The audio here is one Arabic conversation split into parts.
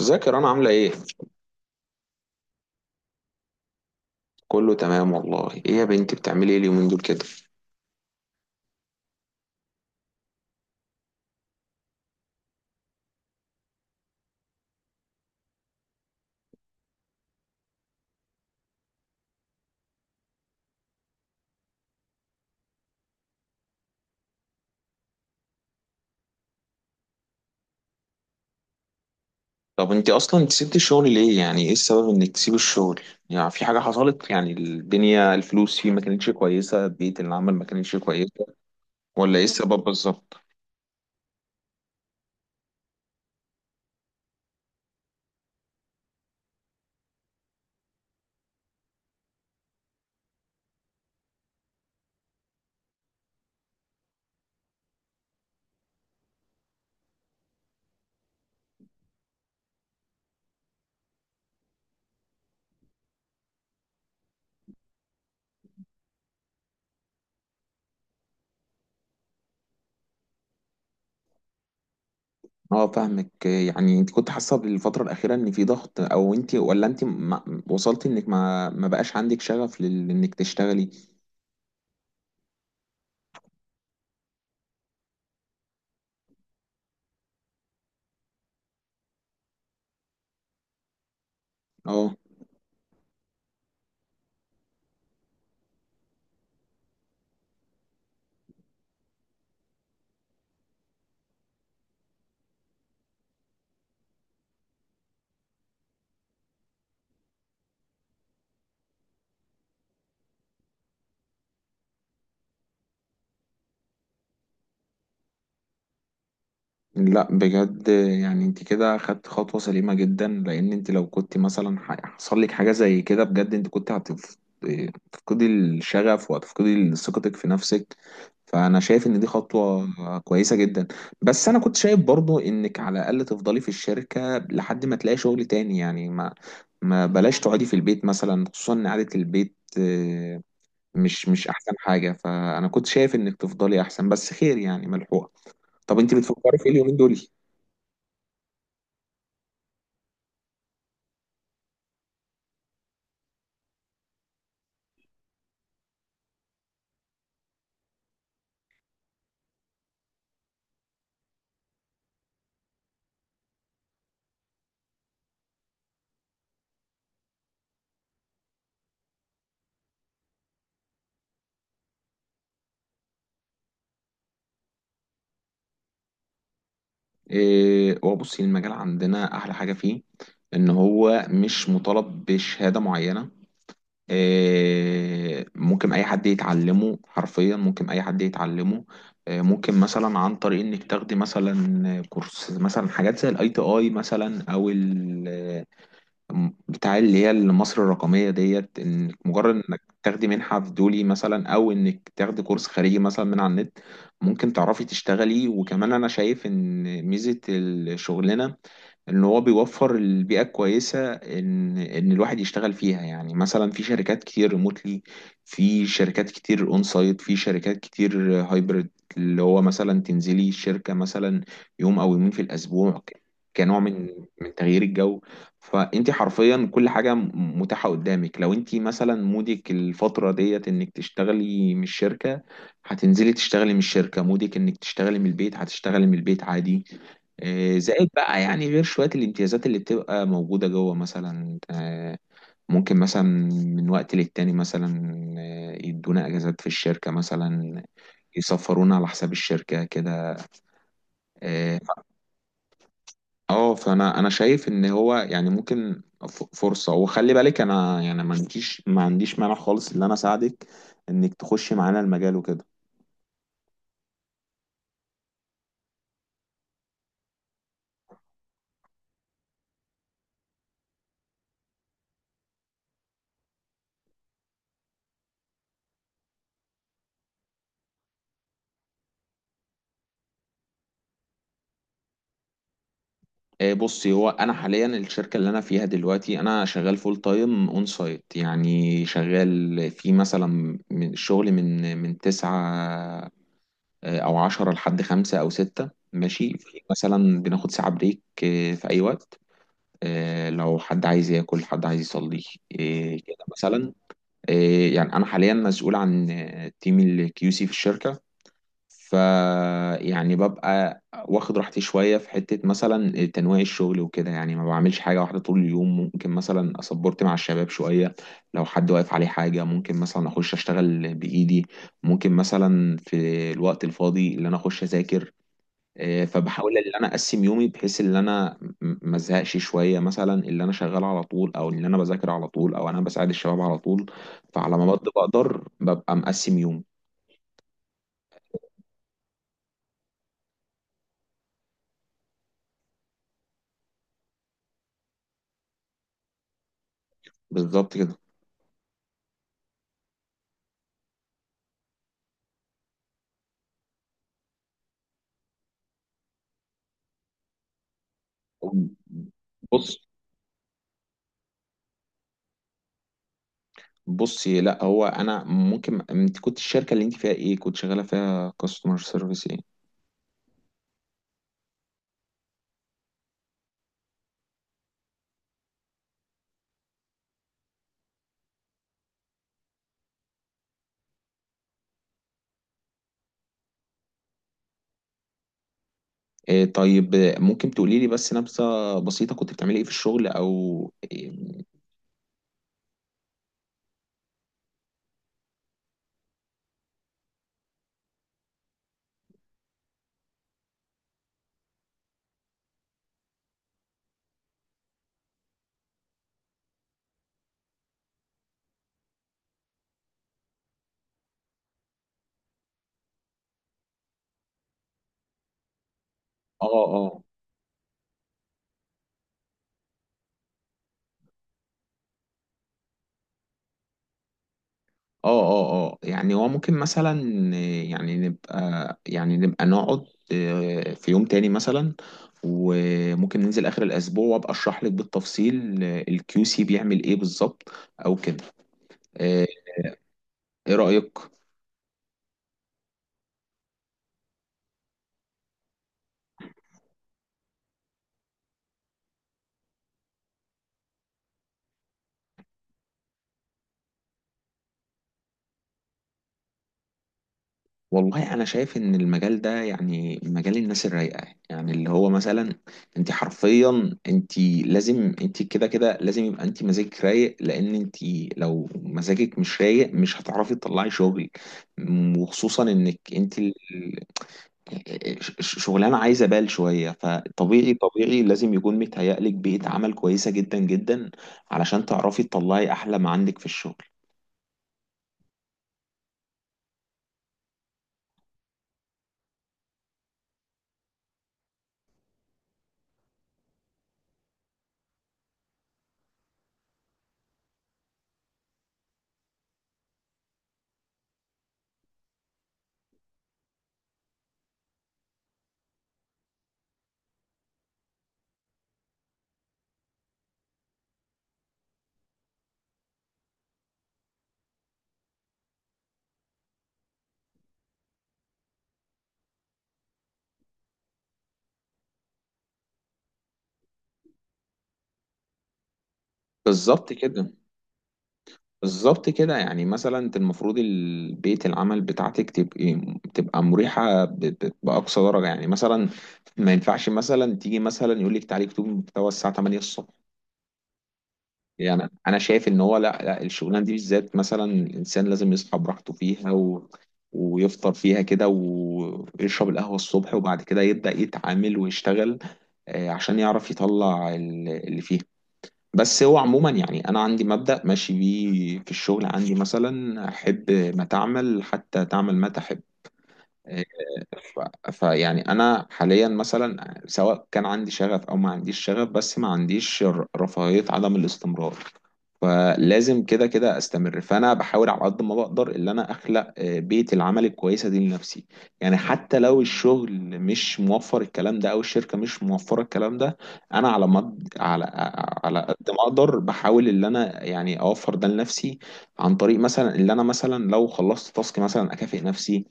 ازيك يا رنا، عاملة ايه؟ كله تمام والله. ايه يا بنتي، بتعملي ايه اليومين دول كده؟ طب انت اصلا، انت سبت الشغل ليه؟ يعني ايه السبب انك تسيب الشغل؟ يعني في حاجة حصلت؟ يعني الدنيا، الفلوس فيه ما كانتش كويسة، بيئة العمل ما كانتش كويسة، ولا ايه السبب بالظبط؟ اه، فاهمك. يعني انت كنت حاسة بالفترة الأخيرة ان في ضغط، او انت، ولا انت ما وصلتي انك ما بقاش عندك شغف انك تشتغلي؟ اه، لا بجد، يعني انت كده خدت خطوة سليمة جدا، لان انت لو كنت مثلا حصل لك حاجة زي كده بجد، انت كنت هتفقدي الشغف وهتفقدي ثقتك في نفسك. فانا شايف ان دي خطوة كويسة جدا. بس انا كنت شايف برضو انك على الاقل تفضلي في الشركة لحد ما تلاقي شغل تاني. يعني ما بلاش تقعدي في البيت مثلا، خصوصا ان قعدة البيت، مش احسن حاجة. فانا كنت شايف انك تفضلي احسن، بس خير يعني ملحوقة. طب انت بتفكري في ايه اليومين دول؟ هو بصي، المجال عندنا احلى حاجه فيه ان هو مش مطالب بشهاده معينه. ممكن اي حد يتعلمه، حرفيا ممكن اي حد يتعلمه. ممكن مثلا عن طريق انك تاخدي مثلا كورس، مثلا حاجات زي الاي تي اي مثلا، او بتاع اللي هي مصر الرقمية ديت، انك مجرد انك تاخدي منحة في دولي مثلا، او انك تاخدي كورس خارجي مثلا من على النت، ممكن تعرفي تشتغلي. وكمان انا شايف ان ميزة الشغلانة ان هو بيوفر البيئه الكويسه، ان الواحد يشتغل فيها. يعني مثلا في شركات كتير ريموتلي، في شركات كتير اون سايت، في شركات كتير هايبرد. اللي هو مثلا تنزلي الشركه مثلا يوم او يومين في الاسبوع، كنوع من تغيير الجو. فانت حرفيا كل حاجه متاحه قدامك. لو انت مثلا مودك الفتره ديت انك تشتغلي من الشركه، هتنزلي تشتغلي من الشركه. مودك انك تشتغلي من البيت، هتشتغلي من البيت عادي. زائد بقى، يعني غير شوية الامتيازات اللي بتبقى موجودة جوه مثلا. ممكن مثلا من وقت للتاني مثلا يدونا اجازات في الشركة مثلا، يسفرونا على حساب الشركة كده. اه. فانا شايف ان هو يعني ممكن فرصة. وخلي بالك، انا يعني ما عنديش مانع خالص ان انا اساعدك انك تخشي معانا المجال وكده. بصي، هو انا حاليا الشركه اللي انا فيها دلوقتي، انا شغال فول تايم اون سايت. يعني شغال في مثلا، من الشغل من 9 او 10 لحد 5 او 6 ماشي. في مثلا بناخد ساعه بريك في اي وقت. لو حد عايز ياكل، حد عايز يصلي، كده مثلا. آه، يعني انا حاليا مسؤول عن تيم الكيو سي في الشركه. ف يعني ببقى واخد راحتي شوية في حتة مثلا تنويع الشغل وكده. يعني ما بعملش حاجة واحدة طول اليوم. ممكن مثلا أصبرت مع الشباب شوية، لو حد واقف عليه حاجة ممكن مثلا أخش أشتغل بإيدي. ممكن مثلا في الوقت الفاضي اللي أنا أخش أذاكر. فبحاول ان انا اقسم يومي بحيث ان انا ما ازهقش، شويه مثلا اللي انا شغال على طول، او اللي انا بذاكر على طول، او انا بساعد الشباب على طول. فعلى ما بقدر ببقى مقسم يومي. بالظبط كده. بص بصي لا، هو انا ممكن، انت كنت الشركه اللي انت فيها ايه؟ كنت شغاله فيها كاستمر سيرفيس ايه؟ طيب، ممكن تقولي لي بس نبذه بسيطه، كنت بتعملي ايه في الشغل، او اه، اه، اه، اه، اه. يعني هو ممكن مثلا، يعني نبقى نقعد في يوم تاني مثلا، وممكن ننزل اخر الاسبوع وابقى اشرح لك بالتفصيل الكيو سي بيعمل ايه بالظبط، او كده. إيه، ايه رأيك؟ والله انا شايف ان المجال ده يعني مجال الناس الرايقه. يعني اللي هو مثلا، انت حرفيا انت، لازم انت، كده كده لازم يبقى انت مزاجك رايق. لان انت لو مزاجك مش رايق، مش هتعرفي تطلعي شغل. وخصوصا انك انت شغلانه عايزه بال شويه. فطبيعي لازم يكون متهيألك بيئه عمل كويسه جدا جدا، علشان تعرفي تطلعي احلى ما عندك في الشغل. بالظبط كده. بالظبط كده. يعني مثلا انت المفروض البيت العمل بتاعتك تبقى مريحه باقصى درجه. يعني مثلا ما ينفعش مثلا تيجي مثلا يقول لك تعالي اكتبي محتوى الساعه 8 الصبح. يعني انا شايف ان هو، لا لا الشغلانه دي بالذات، مثلا الانسان لازم يصحى براحته فيها، ويفطر فيها كده، ويشرب القهوه الصبح، وبعد كده يبدا يتعامل ويشتغل، عشان يعرف يطلع اللي فيه. بس هو عموما، يعني انا عندي مبدأ ماشي بيه في الشغل، عندي مثلا: احب ما تعمل حتى تعمل ما تحب. فيعني انا حاليا مثلا، سواء كان عندي شغف او ما عنديش شغف، بس ما عنديش رفاهية عدم الاستمرار. فلازم كده كده استمر. فانا بحاول على قد ما بقدر ان انا اخلق بيئة العمل الكويسة دي لنفسي. يعني حتى لو الشغل مش موفر الكلام ده، او الشركة مش موفرة الكلام ده، انا على مد على على قد ما اقدر بحاول ان انا يعني اوفر ده لنفسي. عن طريق مثلا اللي انا مثلا لو خلصت تاسك مثلا اكافئ نفسي.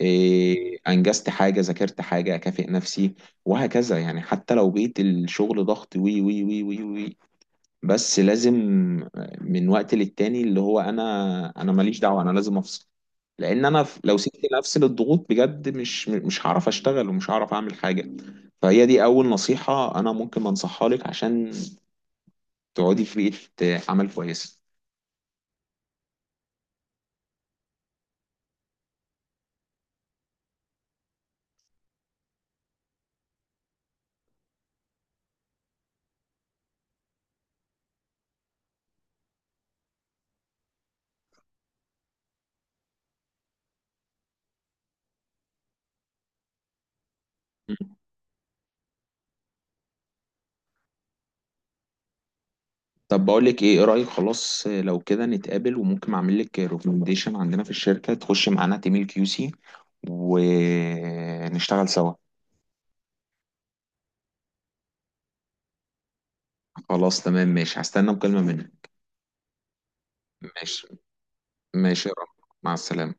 انجزت حاجه، ذاكرت حاجه، اكافئ نفسي. وهكذا. يعني حتى لو بقيت الشغل ضغط وي وي وي وي وي، بس لازم من وقت للتاني، اللي هو انا ماليش دعوه، انا لازم افصل. لان انا لو سبت نفسي للضغوط بجد، مش هعرف اشتغل، ومش هعرف اعمل حاجه. فهي دي اول نصيحه انا ممكن انصحها لك، عشان تقعدي في بيئه عمل كويسه. طب بقول لك ايه، ايه رايك؟ خلاص، لو كده نتقابل، وممكن اعمل لك ريكومنديشن عندنا في الشركه، تخش معانا تيم الكيو سي ونشتغل سوا. خلاص تمام ماشي، هستنى مكالمه منك. ماشي. ماشي يا رب. مع السلامه.